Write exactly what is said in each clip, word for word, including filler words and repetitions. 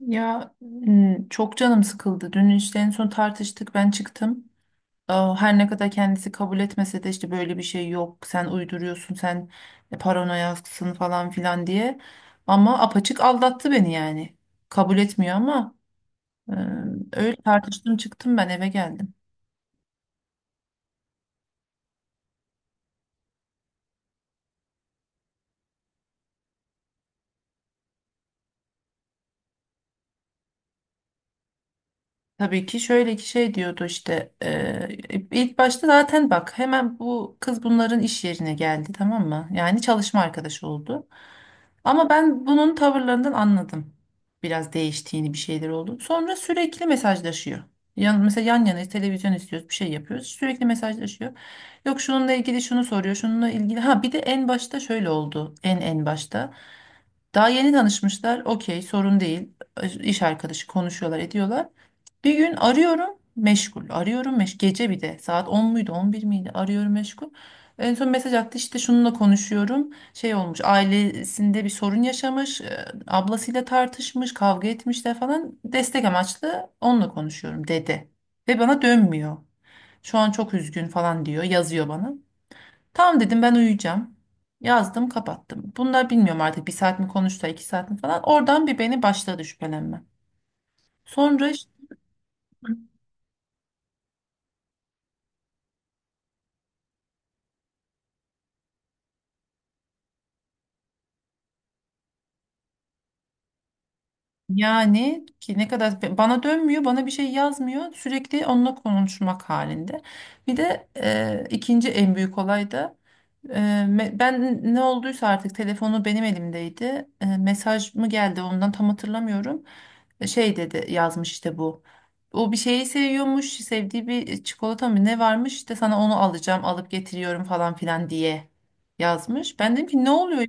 Ya m, çok canım sıkıldı. Dün işte en son tartıştık, ben çıktım. Aa, Her ne kadar kendisi kabul etmese de işte böyle bir şey yok, sen uyduruyorsun, sen paranoyaksın falan filan diye. Ama apaçık aldattı beni yani. Kabul etmiyor ama e, öyle tartıştım, çıktım, ben eve geldim. Tabii ki şöyle ki şey diyordu işte, e, ilk başta zaten bak, hemen bu kız bunların iş yerine geldi, tamam mı? Yani çalışma arkadaşı oldu. Ama ben bunun tavırlarından anladım. Biraz değiştiğini, bir şeyler oldu. Sonra sürekli mesajlaşıyor. Yan, mesela yan yana televizyon izliyoruz, bir şey yapıyoruz, sürekli mesajlaşıyor. Yok, şununla ilgili şunu soruyor, şununla ilgili. Ha, bir de en başta şöyle oldu, en en başta. Daha yeni tanışmışlar, okey, sorun değil, iş arkadaşı, konuşuyorlar ediyorlar. Bir gün arıyorum, meşgul. Arıyorum, meşgul. Gece bir de saat on muydu, on bir miydi? Arıyorum, meşgul. En son mesaj attı işte, şununla konuşuyorum. Şey olmuş, ailesinde bir sorun yaşamış. e, Ablasıyla tartışmış, kavga etmişler falan. Destek amaçlı onunla konuşuyorum, dedi. Ve bana dönmüyor. Şu an çok üzgün falan, diyor, yazıyor bana. Tamam dedim, ben uyuyacağım. Yazdım, kapattım. Bunlar bilmiyorum artık, bir saat mi konuştu, iki saat mi falan. Oradan bir beni başladı şüphelenme. Sonra, yani ki ne kadar bana dönmüyor, bana bir şey yazmıyor. Sürekli onunla konuşmak halinde. Bir de e, ikinci en büyük olay da, e, me- ben ne olduysa artık, telefonu benim elimdeydi. E, mesaj mı geldi ondan, tam hatırlamıyorum. E, Şey dedi, yazmış işte bu. O bir şeyi seviyormuş, sevdiği bir çikolata mı ne varmış işte, sana onu alacağım, alıp getiriyorum falan filan diye yazmış. Ben dedim ki, ne oluyor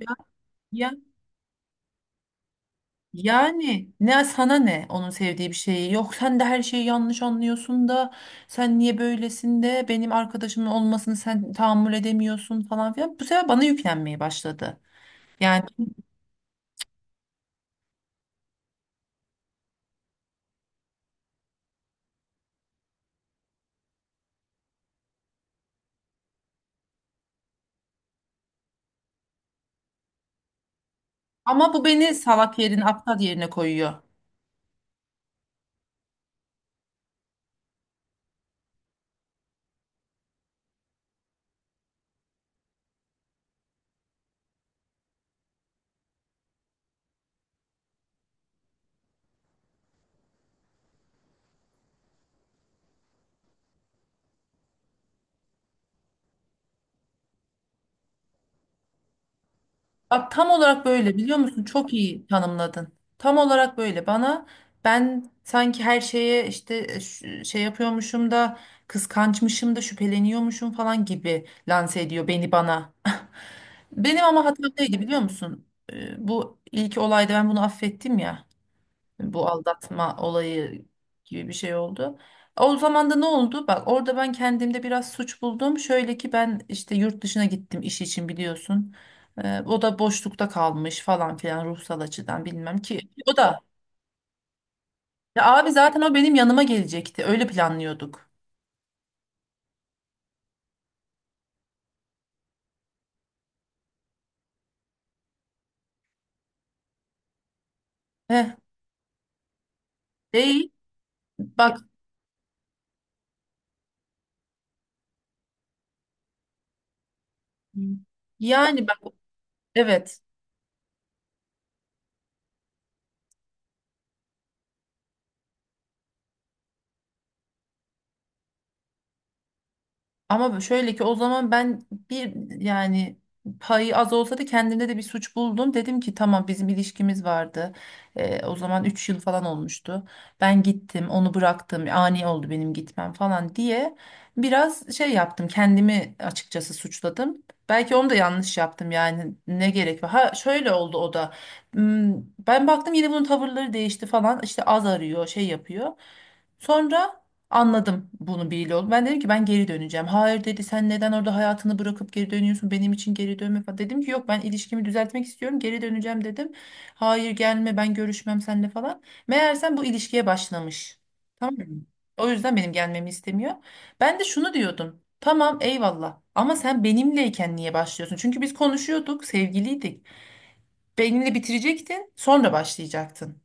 ya? Yani ne sana, ne onun sevdiği bir şeyi yok, sen de her şeyi yanlış anlıyorsun da, sen niye böylesin de, benim arkadaşımın olmasını sen tahammül edemiyorsun falan filan, bu sefer bana yüklenmeye başladı. Yani ama bu beni salak yerine, aptal yerine koyuyor. Bak tam olarak böyle, biliyor musun? Çok iyi tanımladın. Tam olarak böyle bana. Ben sanki her şeye işte e, ş- şey yapıyormuşum da, kıskançmışım da, şüpheleniyormuşum falan gibi lanse ediyor beni, bana. Benim ama hatam neydi, biliyor musun? Ee, Bu ilk olayda ben bunu affettim ya. Hani bu aldatma olayı gibi bir şey oldu. O zaman da ne oldu? Bak, orada ben kendimde biraz suç buldum. Şöyle ki, ben işte yurt dışına gittim iş için, biliyorsun. Ee, o da boşlukta kalmış falan filan, ruhsal açıdan bilmem ki. O da Ya abi zaten o benim yanıma gelecekti. Öyle planlıyorduk. Heh, değil. Bak yani, bak, evet. Ama şöyle ki o zaman ben bir, yani payı az olsa da kendimde de bir suç buldum. Dedim ki tamam, bizim ilişkimiz vardı. Ee, o zaman üç yıl falan olmuştu. Ben gittim, onu bıraktım, ani oldu benim gitmem falan diye biraz şey yaptım, kendimi açıkçası suçladım. Belki onu da yanlış yaptım, yani ne gerek var. Ha, şöyle oldu o da. Hmm, Ben baktım yine bunun tavırları değişti falan, işte az arıyor, şey yapıyor. Sonra anladım bunu bir yol. Ben dedim ki, ben geri döneceğim. Hayır dedi, sen neden orada hayatını bırakıp geri dönüyorsun? Benim için geri dönme falan. Dedim ki, yok, ben ilişkimi düzeltmek istiyorum. Geri döneceğim, dedim. Hayır, gelme, ben görüşmem seninle falan. Meğersem bu ilişkiye başlamış. Tamam mı? O yüzden benim gelmemi istemiyor. Ben de şunu diyordum. Tamam, eyvallah, ama sen benimleyken niye başlıyorsun? Çünkü biz konuşuyorduk, sevgiliydik. Benimle bitirecektin, sonra başlayacaktın.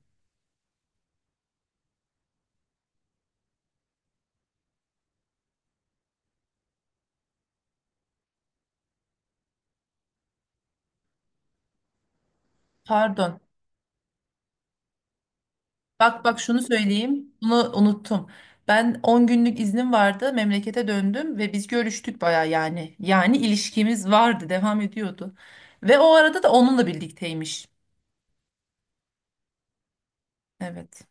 Pardon. Bak bak, şunu söyleyeyim. Bunu unuttum. Ben on günlük iznim vardı. Memlekete döndüm ve biz görüştük baya yani. Yani ilişkimiz vardı, devam ediyordu. Ve o arada da onunla birlikteymiş. Evet.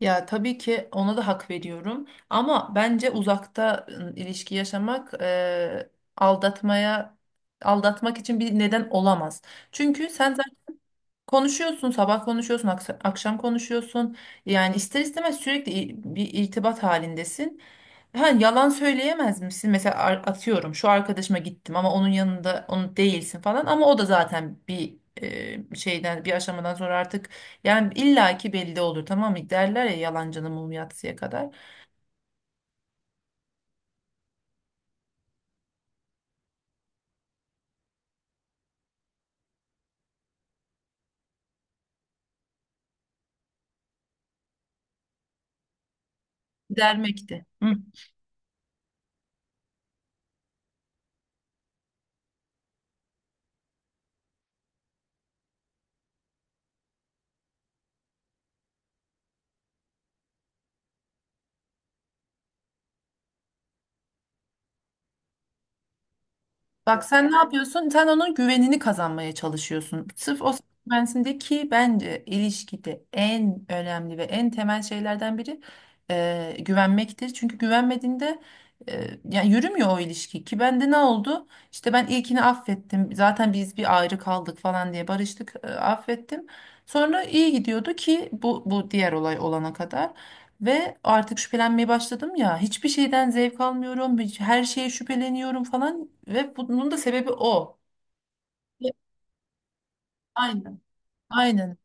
Ya tabii ki ona da hak veriyorum. Ama bence uzakta ıı, ilişki yaşamak, eee, aldatmaya aldatmak için bir neden olamaz. Çünkü sen konuşuyorsun, sabah konuşuyorsun, aksa- akşam konuşuyorsun. Yani ister istemez sürekli i- bir irtibat halindesin. Ha, yalan söyleyemez misin? Mesela, ar- atıyorum, şu arkadaşıma gittim ama onun yanında onu değilsin falan, ama o da zaten bir e, şeyden, bir aşamadan sonra artık yani illaki belli olur, tamam mı? Derler ya, yalancının mumu yatsıya kadar. Dermekti. Bak, sen ne yapıyorsun? Sen onun güvenini kazanmaya çalışıyorsun. Sırf o sana güvensin de, ki bence ilişkide en önemli ve en temel şeylerden biri e, güvenmektir. Çünkü güvenmediğinde e, yani yürümüyor o ilişki, ki bende ne oldu? İşte ben ilkini affettim. Zaten biz bir ayrı kaldık falan diye barıştık, e, affettim. Sonra iyi gidiyordu ki bu bu diğer olay olana kadar. Ve artık şüphelenmeye başladım ya. Hiçbir şeyden zevk almıyorum. hiç- Her şeye şüpheleniyorum falan. Ve bunun da sebebi o. Ve Aynen. Aynen.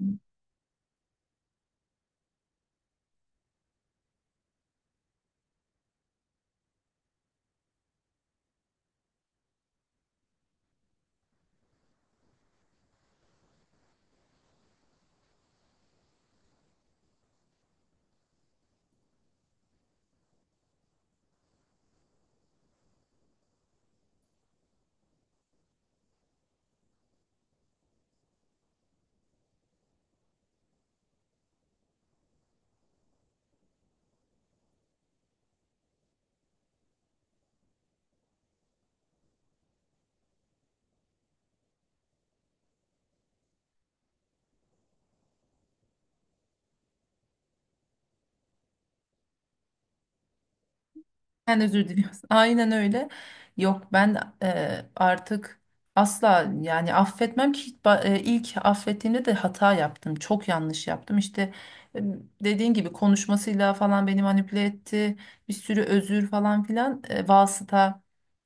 Sen özür diliyorsun. Aynen öyle. Yok, ben e, artık asla yani affetmem ki, Ba- e, ilk affettiğimde de hata yaptım. Çok yanlış yaptım. İşte, e, dediğin gibi konuşmasıyla falan beni manipüle etti. Bir sürü özür falan filan, e, vasıta.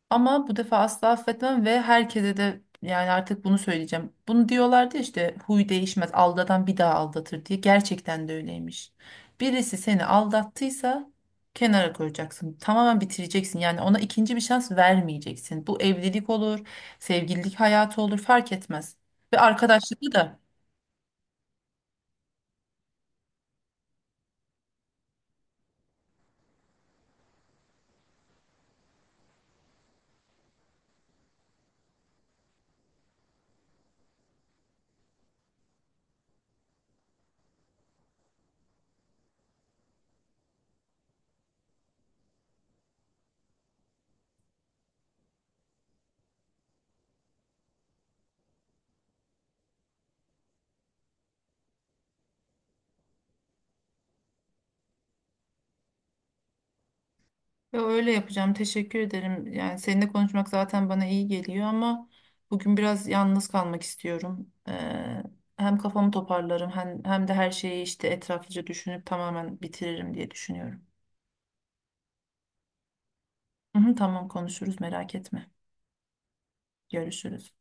Ama bu defa asla affetmem ve herkese de yani artık bunu söyleyeceğim. Bunu diyorlardı ya işte, huy değişmez, aldatan bir daha aldatır diye. Gerçekten de öyleymiş. Birisi seni aldattıysa kenara koyacaksın. Tamamen bitireceksin. Yani ona ikinci bir şans vermeyeceksin. Bu evlilik olur, sevgililik hayatı olur, fark etmez. Ve arkadaşlıkta da. Ya, öyle yapacağım. Teşekkür ederim. Yani seninle konuşmak zaten bana iyi geliyor ama bugün biraz yalnız kalmak istiyorum. Ee, hem kafamı toparlarım, hem, hem de her şeyi işte etraflıca düşünüp tamamen bitiririm diye düşünüyorum. Hı hı, tamam, konuşuruz, merak etme. Görüşürüz.